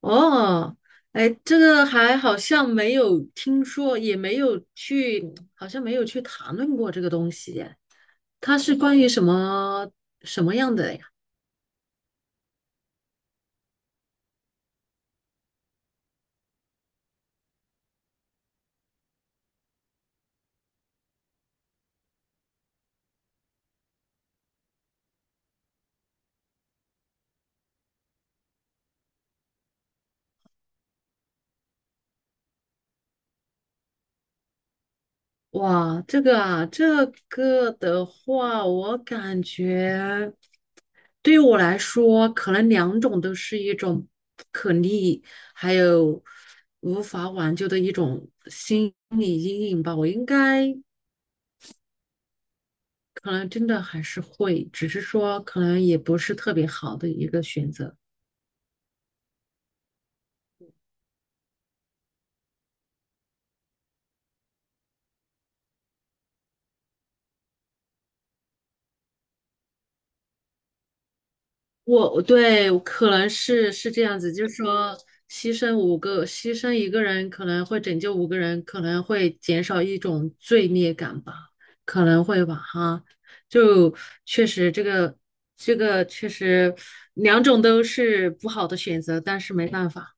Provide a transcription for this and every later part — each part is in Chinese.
哦，哎，这个还好像没有听说，也没有去，好像没有去谈论过这个东西耶。它是关于什么什么样的呀？哇，这个啊，这个的话，我感觉对于我来说，可能两种都是一种不可逆，还有无法挽救的一种心理阴影吧。我应该。可能真的还是会，只是说可能也不是特别好的一个选择。我对，可能是这样子，就是说牺牲五个，牺牲一个人可能会拯救五个人，可能会减少一种罪孽感吧，可能会吧，哈，就确实这个这个确实两种都是不好的选择，但是没办法。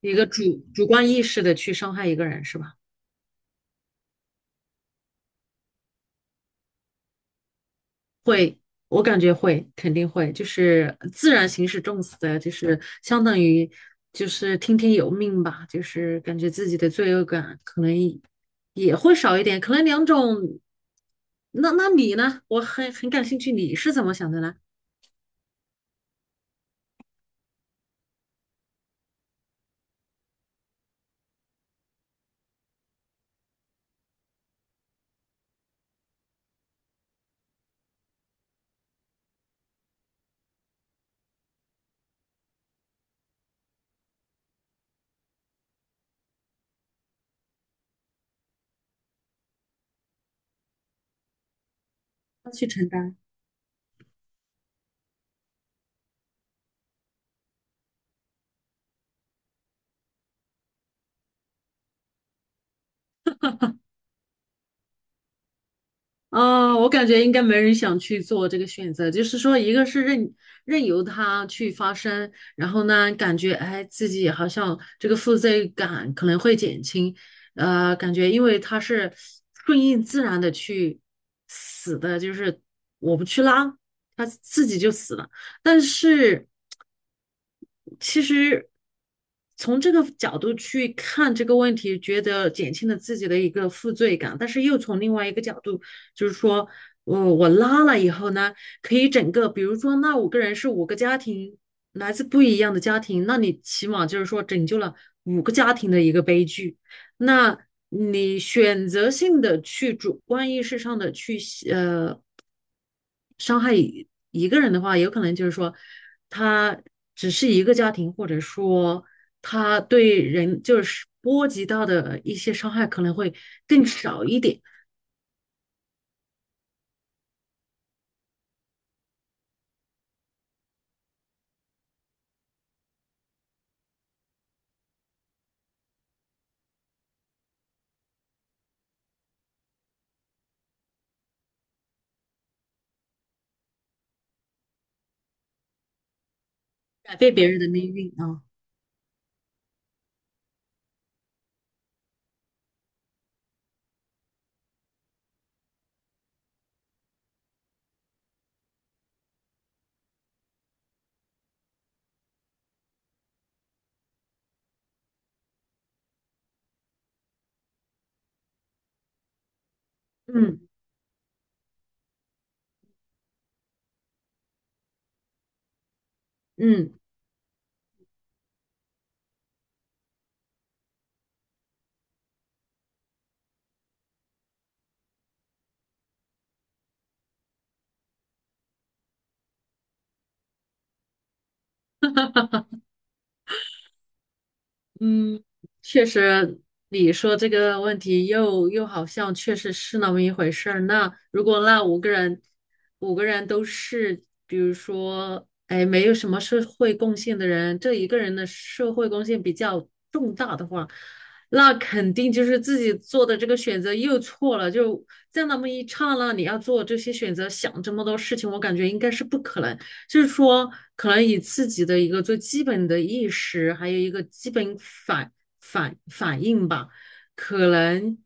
一个主观意识的去伤害一个人是吧？会，我感觉会，肯定会，就是自然形式重死的，就是相当于就是听天由命吧，就是感觉自己的罪恶感可能也会少一点，可能两种。那你呢？我很感兴趣，你是怎么想的呢？要去承担。嗯，我感觉应该没人想去做这个选择，就是说，一个是任由它去发生，然后呢，感觉哎，自己好像这个负罪感可能会减轻，感觉因为它是顺应自然的去死的，就是我不去拉，它自己就死了。但是其实从这个角度去看这个问题，觉得减轻了自己的一个负罪感，但是又从另外一个角度。就是说，我拉了以后呢，可以整个，比如说那五个人是五个家庭，来自不一样的家庭，那你起码就是说拯救了五个家庭的一个悲剧。那你选择性的去主观意识上的去呃伤害一个人的话，有可能就是说他只是一个家庭，或者说他对人就是波及到的一些伤害可能会更少一点，改变别人的命运啊，嗯嗯。嗯，确实，你说这个问题又好像确实是那么一回事儿。那如果那五个人，五个人都是，比如说，哎，没有什么社会贡献的人，这一个人的社会贡献比较重大的话，那肯定就是自己做的这个选择又错了。就在那么一刹那，你要做这些选择，想这么多事情，我感觉应该是不可能。就是说，可能以自己的一个最基本的意识，还有一个基本反应吧，可能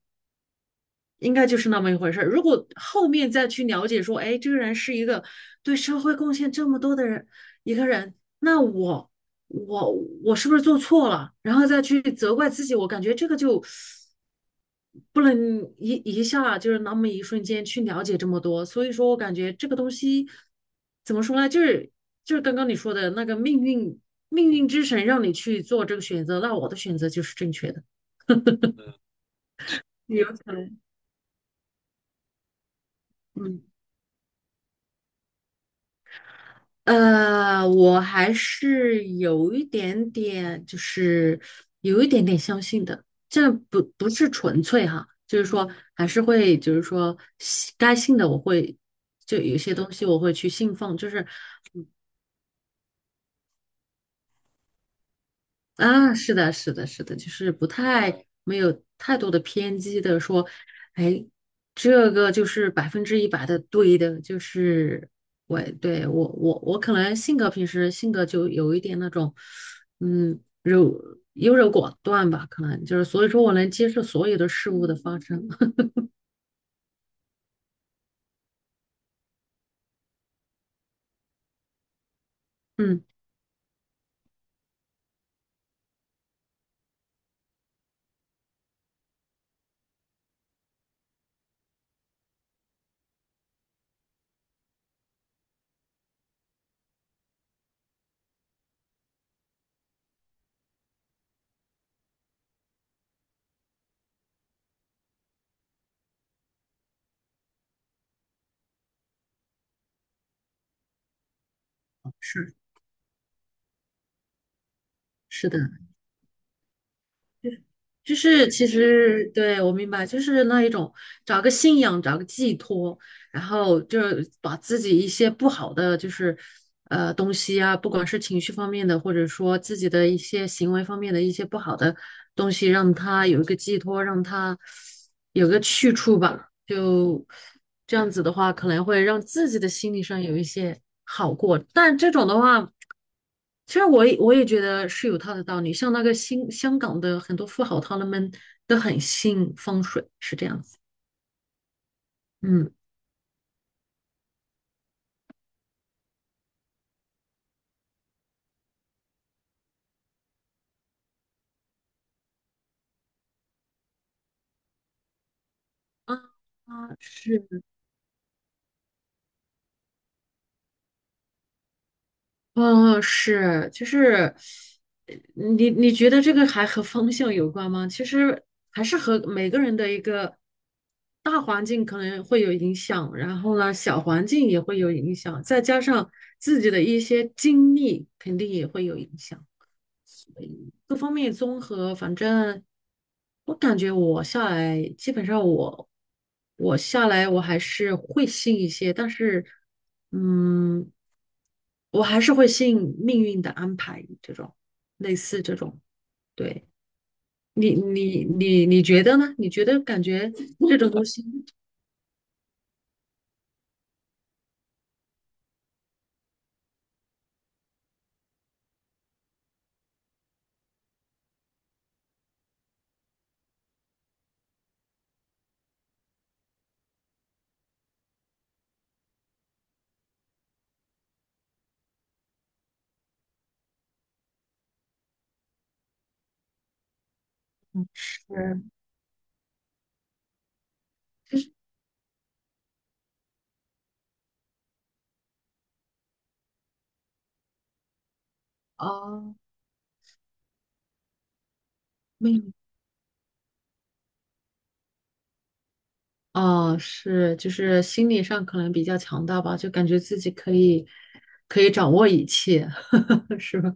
应该就是那么一回事。如果后面再去了解说，哎，这个人是一个对社会贡献这么多的人，一个人，那我我是不是做错了？然后再去责怪自己，我感觉这个就不能一下就是那么一瞬间去了解这么多，所以说我感觉这个东西怎么说呢，就是刚刚你说的那个命运之神让你去做这个选择，那我的选择就是正确的。有可能，嗯，我还是有一点点，就是有一点点相信的，这不是纯粹哈，就是说还是会，就是说信该信的我会，就有些东西我会去信奉，就是啊，是的，是的，是的，就是不太没有太多的偏激的说，哎，这个就是百分之一百的对的，就是我对我可能性格平时性格就有一点那种，嗯，优柔寡断吧，可能就是所以说我能接受所有的事物的发生。嗯，是是的，就是其实对我明白，就是那一种找个信仰，找个寄托，然后就是把自己一些不好的就是东西啊，不管是情绪方面的，或者说自己的一些行为方面的一些不好的东西，让它有一个寄托，让它有个去处吧。就这样子的话，可能会让自己的心理上有一些好过。但这种的话，其实我也觉得是有它的道理。像那个新香港的很多富豪，他们都很信风水，是这样子。嗯啊，是，啊，是，就是呃你觉得这个还和方向有关吗？其实还是和每个人的一个大环境可能会有影响，然后呢，小环境也会有影响，再加上自己的一些经历，肯定也会有影响。各方面综合，反正我感觉我下来，基本上我下来我还是会信一些，但是嗯，我还是会信命运的安排这种，类似这种。对你，你觉得呢？你觉得感觉这种东西 嗯是啊，命运哦，是，就是心理上可能比较强大吧，就感觉自己可以掌握一切。是吧？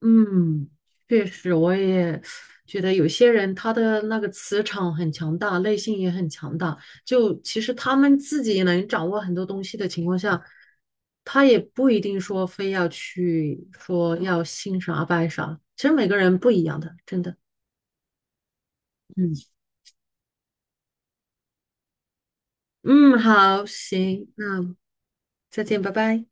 嗯，确实，我也觉得有些人他的那个磁场很强大，内心也很强大。就其实他们自己能掌握很多东西的情况下，他也不一定说非要去说要信啥拜啥。其实每个人不一样的，真的。嗯嗯，好，行，那再见，拜拜。